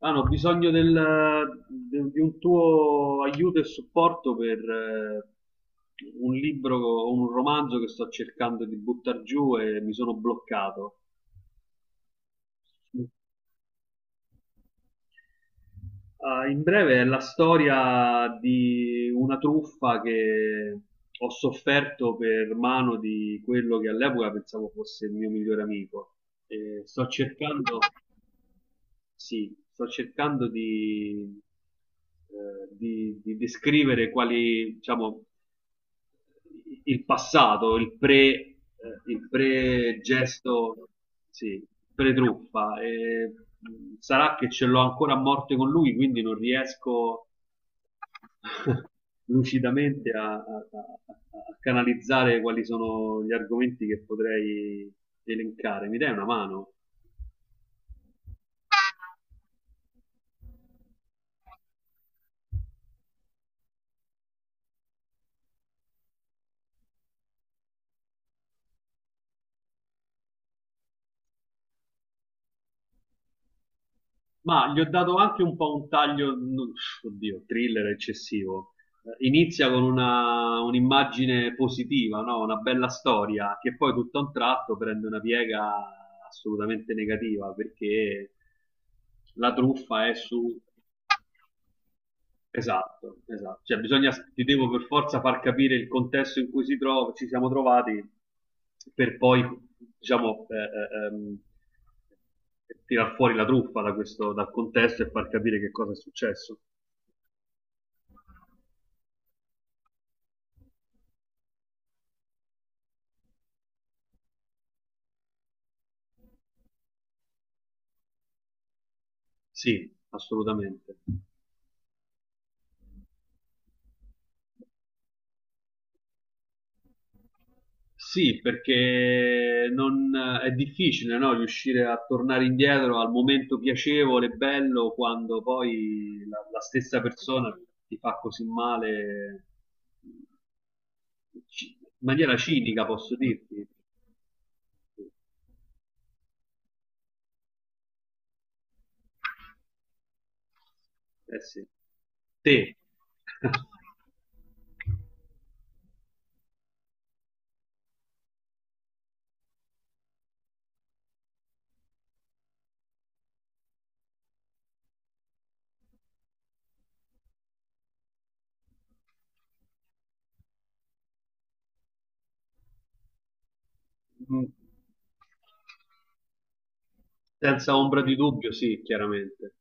Hanno bisogno di un tuo aiuto e supporto per un libro o un romanzo che sto cercando di buttare giù e mi sono bloccato. Ah, in breve è la storia di una truffa che ho sofferto per mano di quello che all'epoca pensavo fosse il mio migliore amico. E sto cercando. Sì, sto cercando di descrivere quali, diciamo, il passato, il pre-gesto, sì, pre-truffa. E, sarà che ce l'ho ancora a morte con lui, quindi non riesco lucidamente a canalizzare quali sono gli argomenti che potrei elencare. Mi dai una mano? Ma gli ho dato anche un po' un taglio, oddio, thriller eccessivo. Inizia con un'immagine positiva, no? Una bella storia, che poi tutto a un tratto prende una piega assolutamente negativa, perché la truffa è su. Esatto, esatto. Cioè, bisogna, ti devo per forza far capire il contesto in cui si trova, ci siamo trovati per poi, diciamo, tirar fuori la truffa da questo, dal contesto e far capire che cosa è successo. Sì, assolutamente. Sì, perché non, è difficile, no, riuscire a tornare indietro al momento piacevole, e bello, quando poi la stessa persona ti fa così male, in maniera cinica, posso dirti. Eh sì. Te. Mm. Senza ombra di dubbio, sì, chiaramente.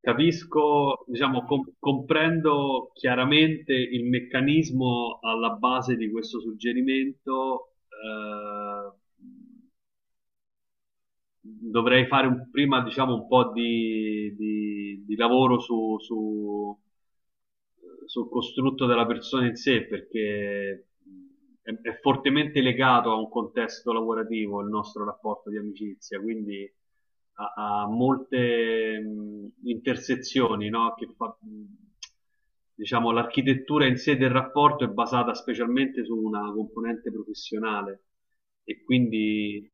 Capisco, diciamo, comprendo chiaramente il meccanismo alla base di questo suggerimento. Dovrei fare prima, diciamo, un po' di lavoro sul costrutto della persona in sé, perché è fortemente legato a un contesto lavorativo il nostro rapporto di amicizia, quindi ha, ha molte intersezioni, no? Che fa, diciamo, l'architettura in sé del rapporto è basata specialmente su una componente professionale, e quindi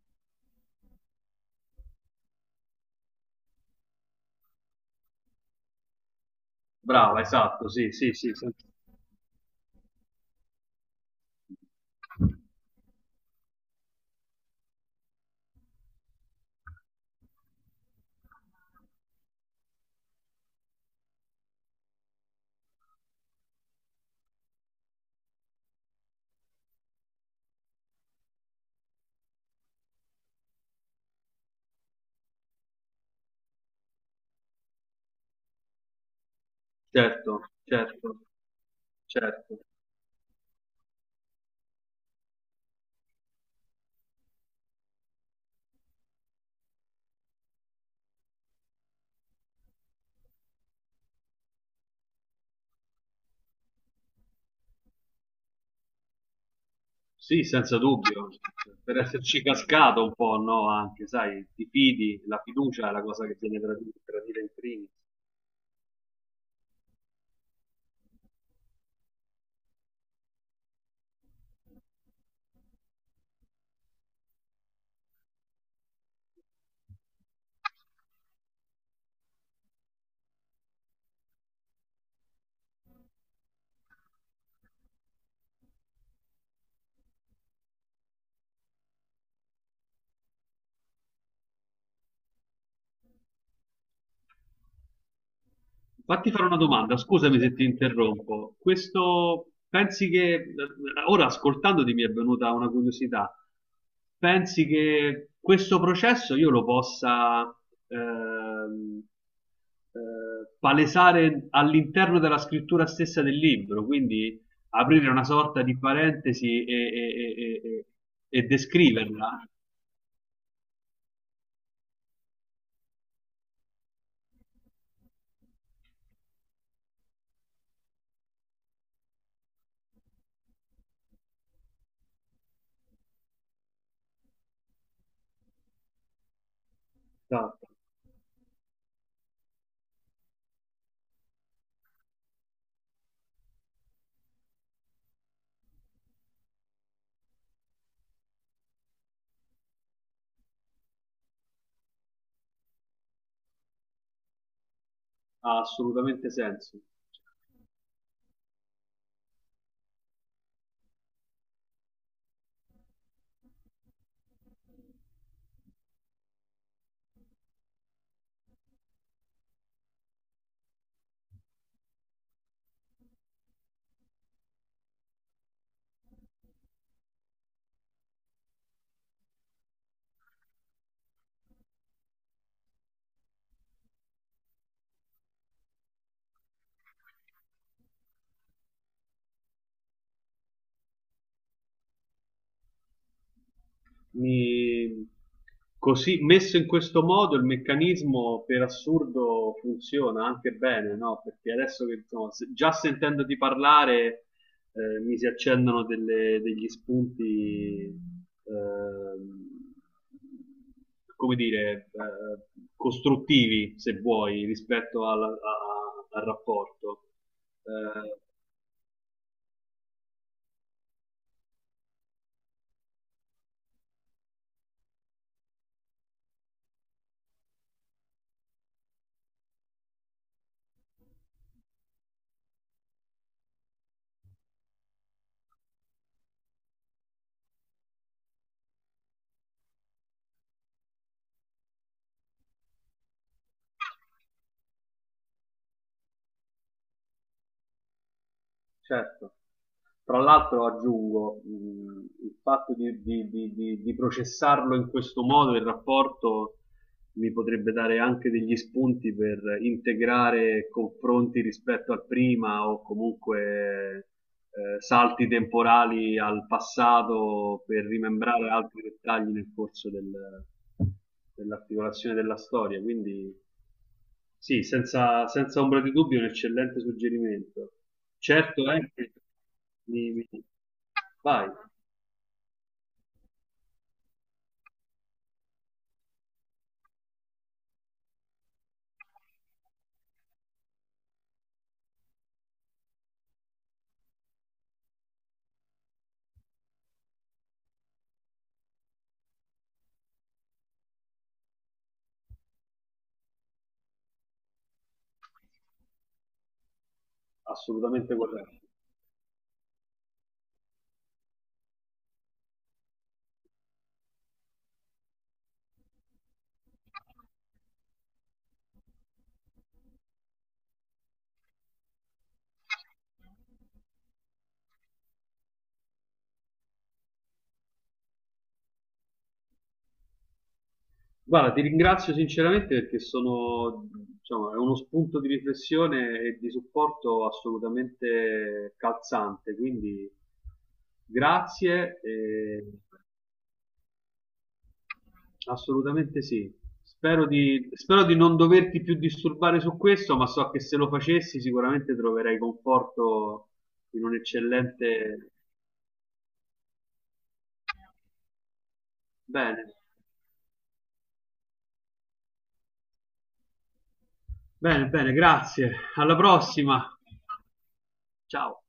brava, esatto, sì, sì, sì, sì. Certo, certo, certo. Sì, senza dubbio, per esserci cascato un po', no? Anche, sai, ti fidi, la fiducia è la cosa che viene tradita in primis. Fatti fare una domanda, scusami se ti interrompo. Questo, pensi che, ora ascoltandoti mi è venuta una curiosità, pensi che questo processo io lo possa ehm, palesare all'interno della scrittura stessa del libro, quindi aprire una sorta di parentesi e descriverla? Esatto. Ha assolutamente senso. mi- Così messo in questo modo il meccanismo per assurdo funziona anche bene, no? Perché adesso che insomma, già sentendoti parlare mi si accendono degli spunti, ehm, come dire, costruttivi, se vuoi, rispetto al rapporto. Eh, certo. Tra l'altro aggiungo, il fatto di processarlo in questo modo, il rapporto mi potrebbe dare anche degli spunti per integrare confronti rispetto al prima o comunque salti temporali al passato per rimembrare altri dettagli nel corso dell'articolazione della storia. Quindi sì, senza ombra di dubbio, è un eccellente suggerimento. Certo è che mi- mi- vai, assolutamente corretto. Guarda, ti ringrazio sinceramente perché sono, diciamo, è uno spunto di riflessione e di supporto assolutamente calzante, quindi grazie e assolutamente sì. Spero di non doverti più disturbare su questo, ma so che se lo facessi sicuramente troverai conforto in un eccellente... Bene, bene, bene, grazie. Alla prossima. Ciao.